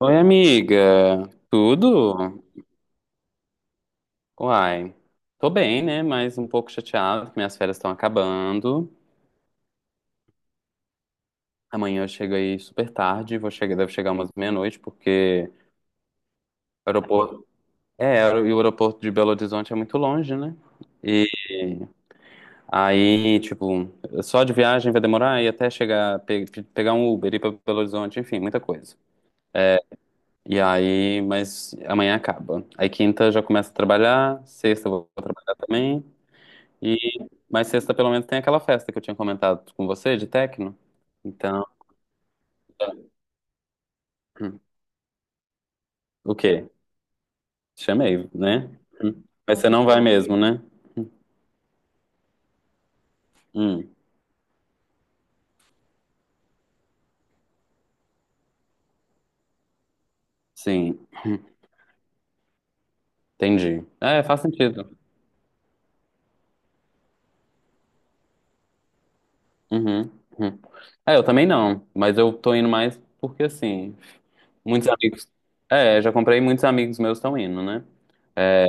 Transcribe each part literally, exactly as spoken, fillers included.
Oi, amiga. Tudo? Uai. Tô bem, né? Mas um pouco chateado que minhas férias estão acabando. Amanhã eu chego aí super tarde. Vou chegar, deve chegar umas meia-noite, porque o aeroporto. É, e o aeroporto de Belo Horizonte é muito longe, né? E aí, tipo, só de viagem vai demorar e até chegar, pe- pegar um Uber, ir pra Belo Horizonte, enfim, muita coisa. E aí, mas amanhã acaba. Aí quinta eu já começo a trabalhar, sexta eu vou trabalhar também. E, mas sexta pelo menos tem aquela festa que eu tinha comentado com você de techno. Então, hum, o quê? Chamei, né? Hum. Mas você não vai mesmo, né? Hum, sim, entendi. É, faz sentido. Uhum, uhum. É, eu também não, mas eu tô indo mais porque assim, muitos amigos. É, já comprei, muitos amigos meus estão indo, né? É,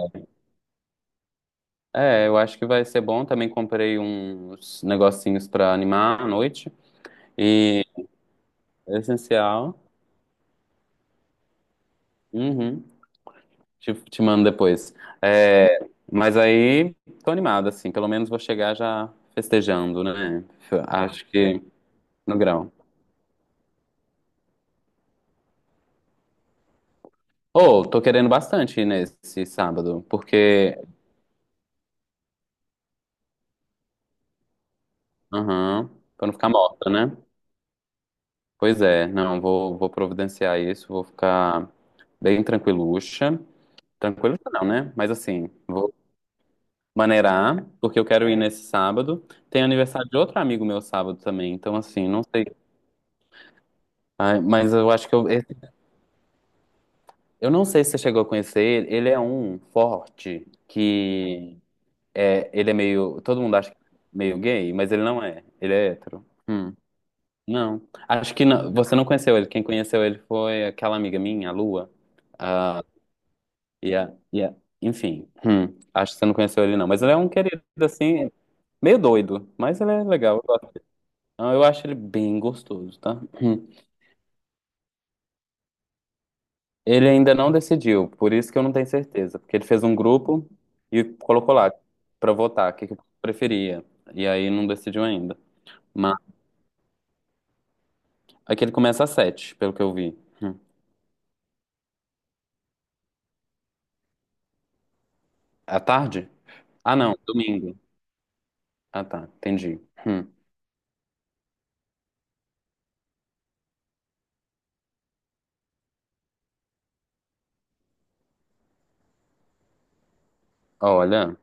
é, eu acho que vai ser bom. Também comprei uns negocinhos pra animar a noite. E é essencial. Uhum. Te, te mando depois. É, mas aí, tô animado, assim. Pelo menos vou chegar já festejando, né? F- Acho que no grão. Ô, tô querendo bastante ir nesse sábado, porque... Aham, pra não ficar morta, né? Pois é, não, vou, vou providenciar isso, vou ficar bem tranquiluxa. Tranquiluxa não, né? Mas assim, vou maneirar, porque eu quero ir nesse sábado. Tem aniversário de outro amigo meu sábado também, então assim, não sei... Ai, mas eu acho que eu, Eu não sei se você chegou a conhecer ele. Ele é um forte que é, ele é meio, todo mundo acha que é meio gay, mas ele não é. Ele é hétero. Hum, não. Acho que não. Você não conheceu ele. Quem conheceu ele foi aquela amiga minha, a Lua. Ah, e a- e a- Enfim, hum, acho que você não conheceu ele não, mas ele é um querido assim, meio doido, mas ele é legal. Eu gosto. Ah, eu acho ele bem gostoso, tá? Hum. Ele ainda não decidiu, por isso que eu não tenho certeza, porque ele fez um grupo e colocou lá pra votar o que que preferia, e aí não decidiu ainda. Mas aqui ele começa às sete, pelo que eu vi. Hum. À tarde? Ah, não, domingo. Ah, tá, entendi. Hum. Olha,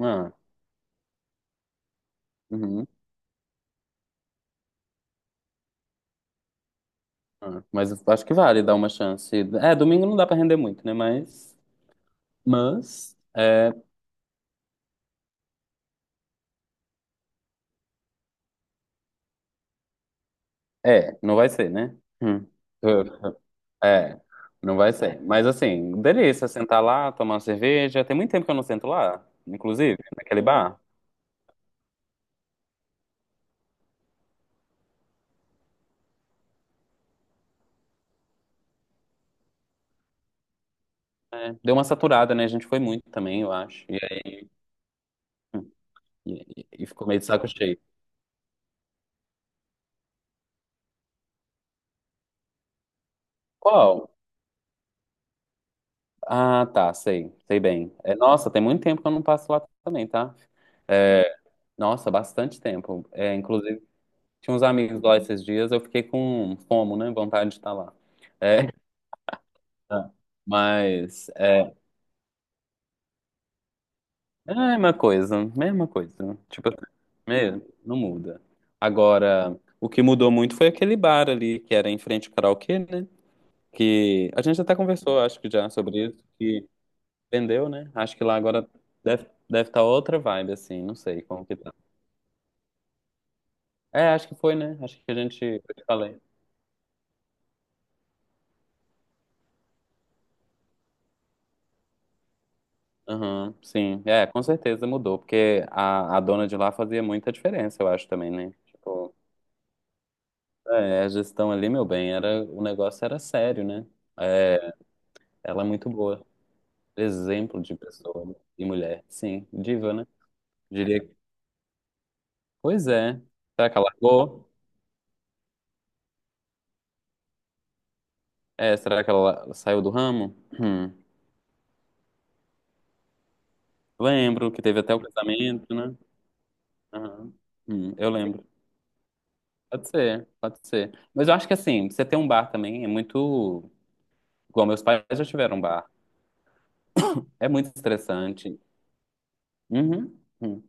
ah, uhum, ah. Mas eu acho que vale dar uma chance. É, domingo não dá pra render muito, né? Mas, mas, é, é, não vai ser, né? Hum. É, não vai ser. Mas assim, delícia sentar lá, tomar uma cerveja. Tem muito tempo que eu não sento lá, inclusive, naquele bar. É, deu uma saturada, né? A gente foi muito também, eu acho. E, aí- e- e ficou meio de saco cheio. Qual? Ah, tá, sei, sei bem. É, nossa, tem muito tempo que eu não passo lá também, tá? É, nossa, bastante tempo. É, inclusive, tinha uns amigos lá esses dias, eu fiquei com fomo, né? Vontade de estar lá. É, mas é, é a mesma coisa, mesma coisa. Tipo é, não muda. Agora, o que mudou muito foi aquele bar ali, que era em frente ao karaokê, né? Que a gente até conversou, acho que já, sobre isso, que vendeu, né? Acho que lá agora deve deve estar outra vibe, assim, não sei como que tá. É, acho que foi, né? Acho que a gente, eu te falei. Aham, sim. É, com certeza mudou, porque a, a dona de lá fazia muita diferença, eu acho também, né? Tipo, é, a gestão ali, meu bem, era, o negócio era sério, né? É, ela é muito boa. Exemplo de pessoa e mulher. Sim, diva, né? Diria que. Pois é. Será que ela largou? É, será que ela la- saiu do ramo? Hum. Lembro que teve até o casamento, né? Aham. Hum, eu lembro. Pode ser, pode ser. Mas eu acho que assim, você ter um bar também é muito. Igual meus pais já tiveram um bar. É muito estressante. Uhum. Uhum.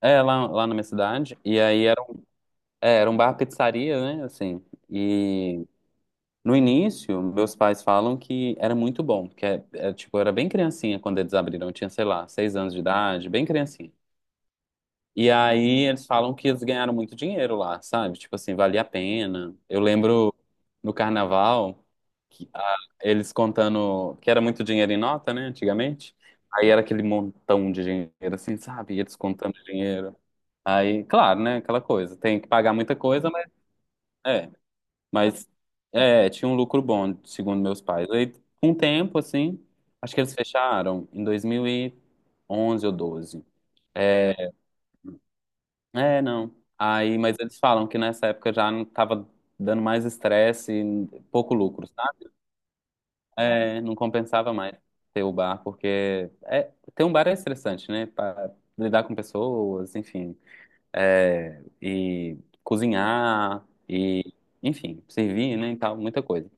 É, lá, lá na minha cidade. E aí era, um- é, era um bar pizzaria, né? Assim. E. No início, meus pais falam que era muito bom, porque é, é, tipo, eu era bem criancinha quando eles abriram, eu tinha, sei lá, seis anos de idade, bem criancinha. E aí eles falam que eles ganharam muito dinheiro lá, sabe? Tipo assim, valia a pena. Eu lembro no carnaval, que, ah, eles contando que era muito dinheiro em nota, né, antigamente. Aí era aquele montão de dinheiro, assim, sabe? E eles contando dinheiro. Aí, claro, né, aquela coisa, tem que pagar muita coisa, mas é. Mas é, tinha um lucro bom, segundo meus pais. Aí, com o tempo, assim, acho que eles fecharam em dois mil e onze ou doze. É, é, não. Aí, mas eles falam que nessa época já não tava dando mais estresse e pouco lucro, sabe? É, não compensava mais ter o bar, porque é, ter um bar é estressante, né? Pra lidar com pessoas, enfim. É, e cozinhar, e, enfim, servir, né? E tal, muita coisa.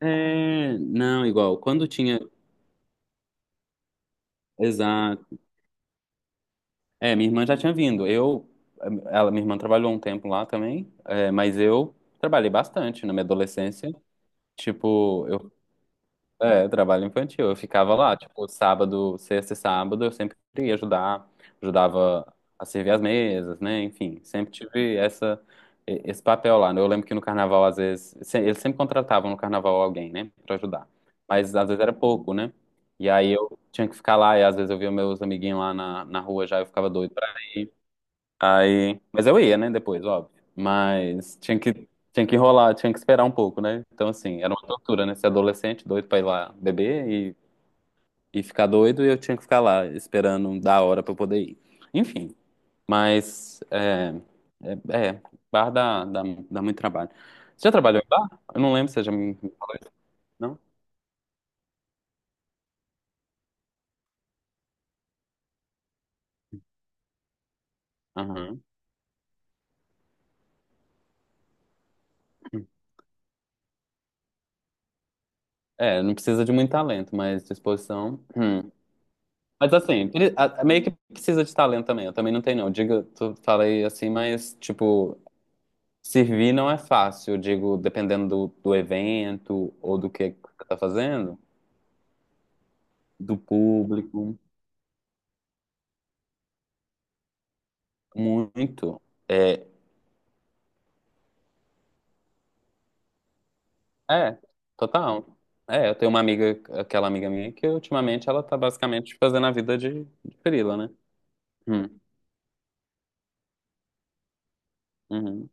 É, não, igual, quando tinha, exato, é, minha irmã já tinha vindo, eu, ela, minha irmã trabalhou um tempo lá também, é, mas eu trabalhei bastante na minha adolescência, tipo, eu É, trabalho infantil. Eu ficava lá, tipo, sábado, sexta e sábado, eu sempre ia ajudar, ajudava a servir as mesas, né? Enfim, sempre tive essa, e- esse papel lá. Né? Eu lembro que no carnaval, às vezes, se- eles sempre contratavam no carnaval alguém, né, pra ajudar. Mas às vezes era pouco, né? E aí eu tinha que ficar lá, e às vezes eu via meus amiguinhos lá na, na rua já, eu ficava doido pra ir. Aí, mas eu ia, né, depois, óbvio. Mas tinha que, tinha que, enrolar, tinha que esperar um pouco, né? Então, assim, era uma tortura, né? Ser adolescente, doido pra ir lá beber e, e ficar doido, e eu tinha que ficar lá esperando da hora pra eu poder ir. Enfim, mas é, é, é, bar dá, dá, dá muito trabalho. Você já trabalhou em bar? Eu não lembro se você já me falou isso, não? Aham. É, não precisa de muito talento, mas disposição. Hum. Mas assim, pre- a- a- meio que precisa de talento também. Eu também não tenho, não. Digo, tu falei assim, mas, tipo, servir não é fácil. Eu digo, dependendo do, do evento ou do que que tá fazendo, do público, muito. É, é, total. É, eu tenho uma amiga, aquela amiga minha, que ultimamente ela tá basicamente fazendo a vida de, de frila, né? Hum, uhum.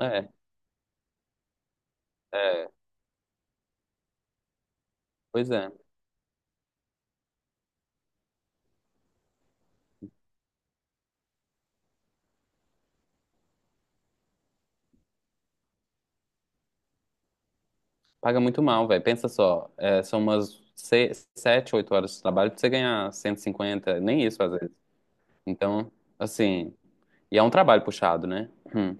É, é, pois é. Paga muito mal, velho. Pensa só, é, são umas se- sete, oito horas de trabalho pra você ganhar cento e cinquenta, nem isso às vezes. Então, assim, e é um trabalho puxado, né? Hum.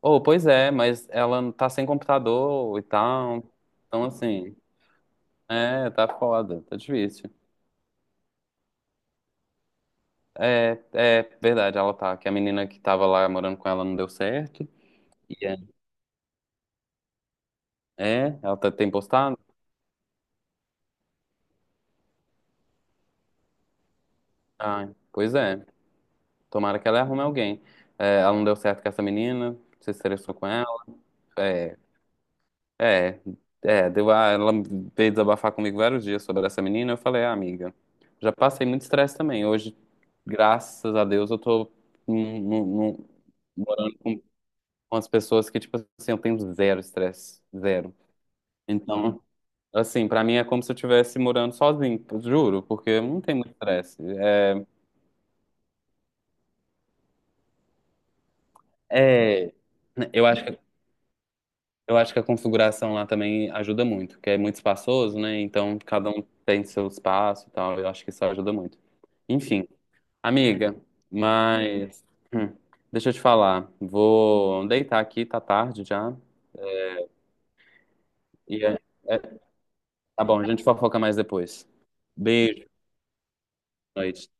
Oh, pois é, mas ela não tá sem computador e tal. Então, assim, é, tá foda, tá difícil. É, é verdade, ela tá. Que a menina que tava lá morando com ela não deu certo. E é, é, ela tá, tem postado? Ah, pois é. Tomara que ela arrume alguém. É, ela não deu certo com essa menina, se estressou com ela. é, É, é, deu a, ela veio desabafar comigo vários dias sobre essa menina. Eu falei, ah, amiga, já passei muito estresse também. Hoje, graças a Deus, eu tô num- num- num- morando com com as pessoas que, tipo assim, eu tenho zero estresse, zero. Então, assim, pra mim é como se eu estivesse morando sozinho, juro, porque não tem muito estresse. É, é, eu acho Eu acho que a configuração lá também ajuda muito, porque é muito espaçoso, né? Então cada um tem seu espaço e tal. Eu acho que isso ajuda muito. Enfim, amiga, mas hum, deixa eu te falar. Vou deitar aqui, tá tarde já. E é- é- tá bom, a gente fofoca mais depois. Beijo, boa noite.